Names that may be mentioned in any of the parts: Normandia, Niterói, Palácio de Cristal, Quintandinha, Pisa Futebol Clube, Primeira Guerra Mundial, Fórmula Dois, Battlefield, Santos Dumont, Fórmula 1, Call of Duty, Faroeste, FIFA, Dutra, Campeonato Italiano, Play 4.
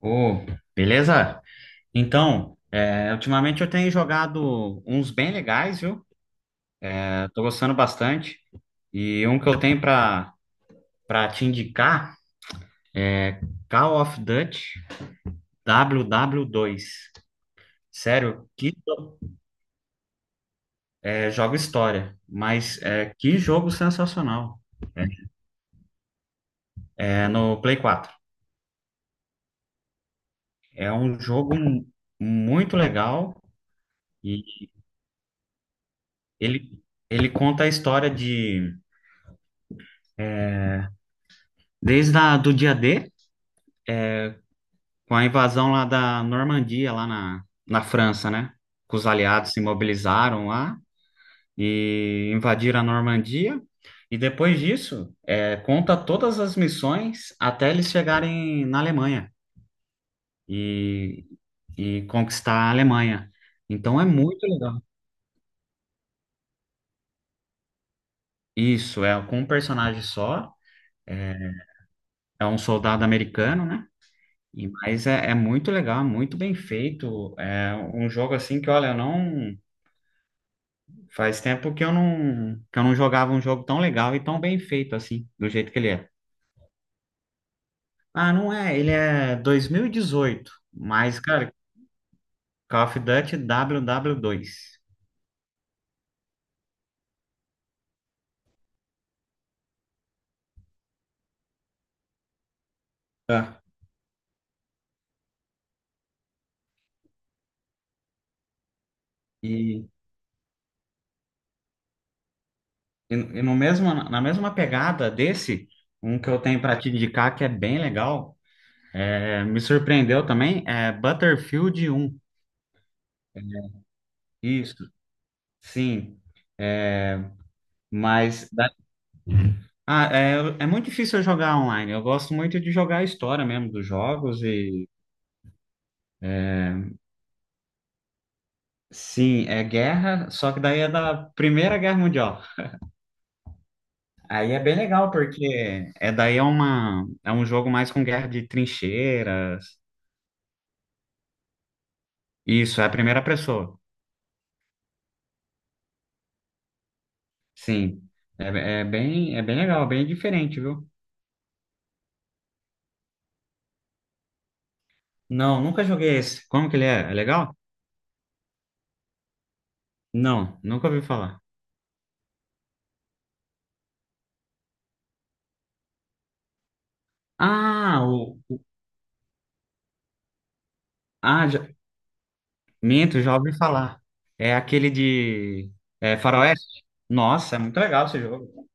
Ô, beleza? Então, ultimamente eu tenho jogado uns bem legais, viu? É, tô gostando bastante. E um que eu tenho pra para te indicar, Call of Duty W W 2. Sério, que jogo história, mas que jogo sensacional. É no Play 4. É um jogo muito legal e ele, ele conta a história de desde do dia D com a invasão lá da Normandia, lá na França, né? Que os aliados se mobilizaram lá e invadiram a Normandia. E depois disso, conta todas as missões até eles chegarem na Alemanha e, e conquistar a Alemanha. Então é muito legal. Isso, é com um personagem só, é um soldado americano, né? E mas é muito legal, muito bem feito. É um jogo assim que, olha, eu não. Faz tempo que eu não, jogava um jogo tão legal e tão bem feito assim, do jeito que ele é. Ah, não é, ele é 2018, mas, cara, Call of Duty W 2. Ah. E, e no mesmo, na mesma pegada desse, um que eu tenho para te indicar que é bem legal, me surpreendeu também, é Battlefield 1. Isso, sim. Mas ah, é muito difícil eu jogar online. Eu gosto muito de jogar a história mesmo dos jogos. E sim, é guerra, só que daí é da Primeira Guerra Mundial. Aí é bem legal, porque é daí é uma é um jogo mais com guerra de trincheiras. Isso, é a primeira pessoa. Sim. É bem legal, bem diferente, viu? Não, nunca joguei esse. Como que ele é? É legal? Não, nunca ouvi falar. Ah, o... Ah, já, minto, já ouvi falar. É aquele de... é, Faroeste. Nossa, é muito legal esse jogo.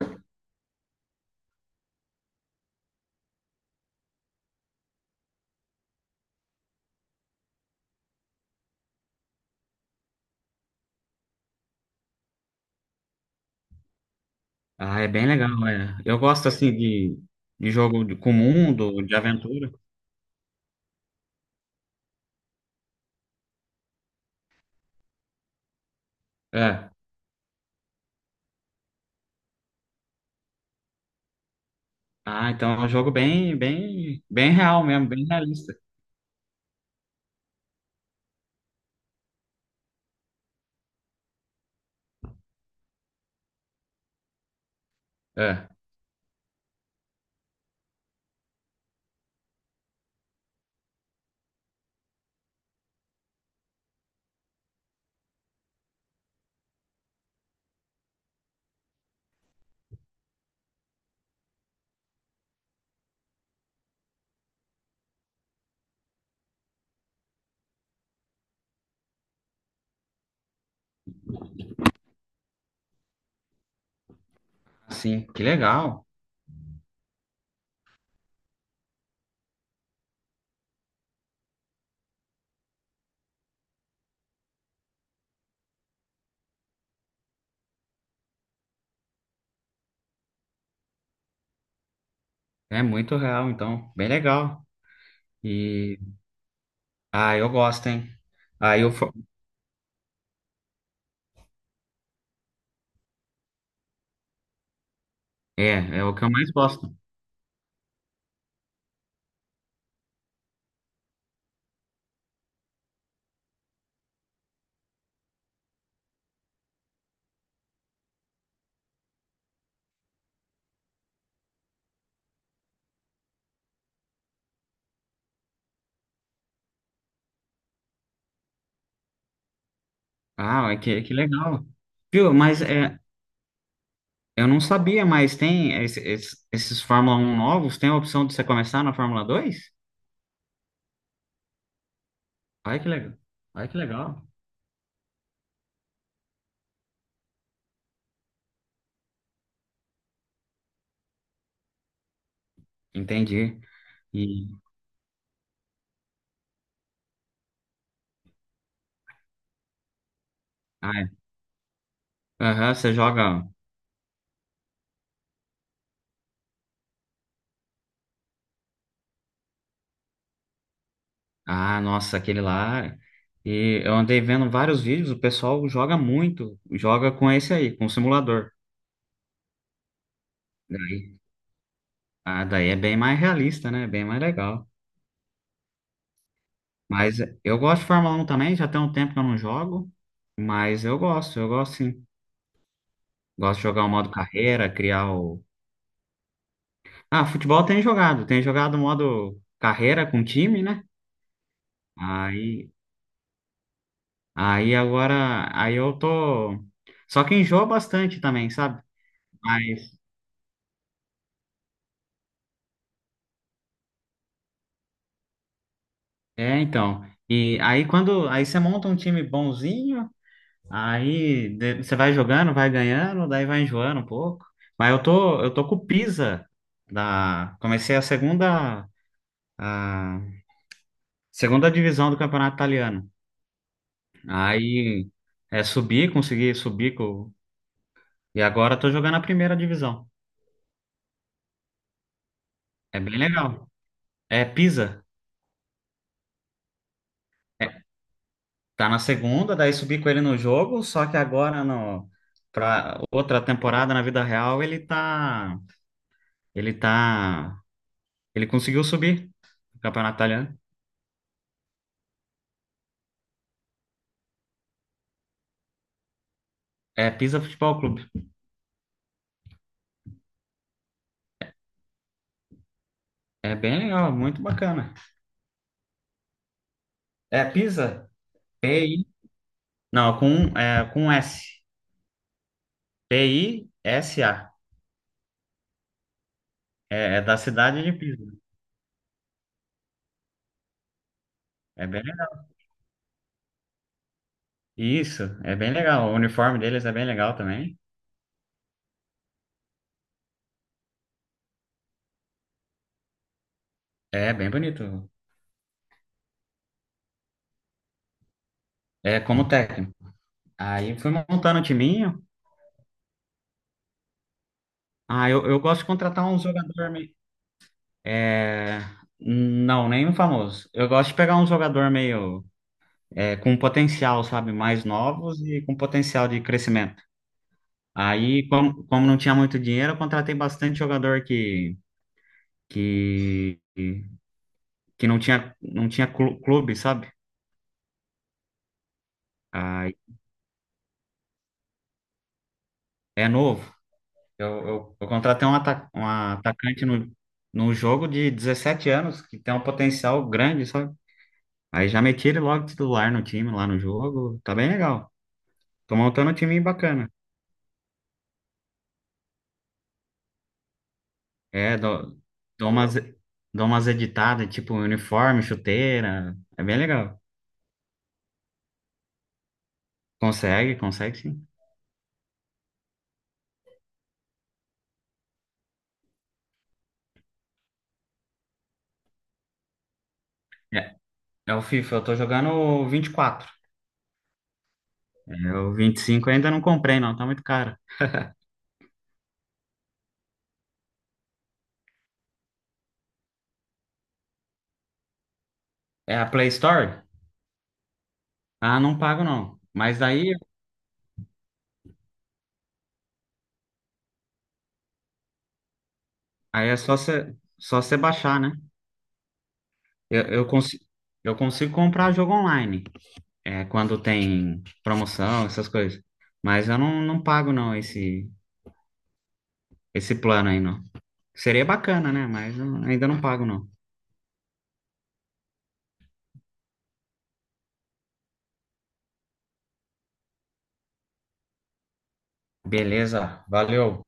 Ah, é bem legal, é. Eu gosto assim de jogo com mundo, de aventura. É. Ah, então é um jogo bem, bem, bem real mesmo, bem realista. É. Sim, que legal. É muito real, então, bem legal. E ah, eu gosto, hein? Ah, é o que eu mais gosto. Ah, é que legal. Viu? Mas eu não sabia, mas tem esses Fórmula 1 novos, tem a opção de você começar na Fórmula 2. Ai, que legal. Ai, que legal. Entendi. E... Ah, é. Aham, você joga. Ah, nossa, aquele lá. E eu andei vendo vários vídeos, o pessoal joga muito, joga com esse aí, com o simulador. Daí, ah, daí é bem mais realista, né? Bem mais legal. Mas eu gosto de Fórmula 1 também, já tem um tempo que eu não jogo, mas eu gosto sim. Gosto de jogar o modo carreira, criar o... Ah, futebol tem jogado o modo carreira com time, né? Aí, aí agora, aí eu tô. Só que enjoa bastante também, sabe? Mas, é, então. E aí quando aí você monta um time bonzinho, aí você vai jogando, vai ganhando, daí vai enjoando um pouco. Mas eu tô com o Pisa. Da comecei a segunda, a segunda divisão do campeonato italiano. Aí é subir, consegui subir com, e agora eu tô jogando a primeira divisão. É bem legal. É Pisa. Tá na segunda, daí subi com ele no jogo, só que agora no... para outra temporada, na vida real, ele tá ele conseguiu subir no Campeonato Italiano. É Pisa Futebol Clube. É bem legal, muito bacana. É Pisa. PI, não, com é com S. P-I-S-A. É da cidade de Pisa. É bem legal. Isso, é bem legal. O uniforme deles é bem legal também. É bem bonito. É como técnico. Aí fui montando o time. Ah, eu gosto de contratar um jogador meio. É... Não, nenhum famoso. Eu gosto de pegar um jogador meio, com potencial, sabe? Mais novos e com potencial de crescimento. Aí, como não tinha muito dinheiro, eu contratei bastante jogador que, que não tinha clube, sabe? Aí, é novo. Eu contratei um, ata um atacante no jogo de 17 anos, que tem um potencial grande, sabe? Aí já meti ele logo titular no time, lá no jogo. Tá bem legal. Tô montando um time bacana. É, dou umas, dou umas editadas, tipo uniforme, chuteira. É bem legal. Consegue, consegue sim. É, é o FIFA, eu tô jogando o 24. É, o 25 eu ainda não comprei, não, tá muito caro. É a Play Store? Ah, não pago, não. Mas daí, aí é só você baixar, né? Eu, eu, consi- eu consigo comprar jogo online. É, quando tem promoção, essas coisas. Mas eu não, não pago não esse, plano aí não. Seria bacana, né? Mas eu ainda não pago não. Beleza, valeu.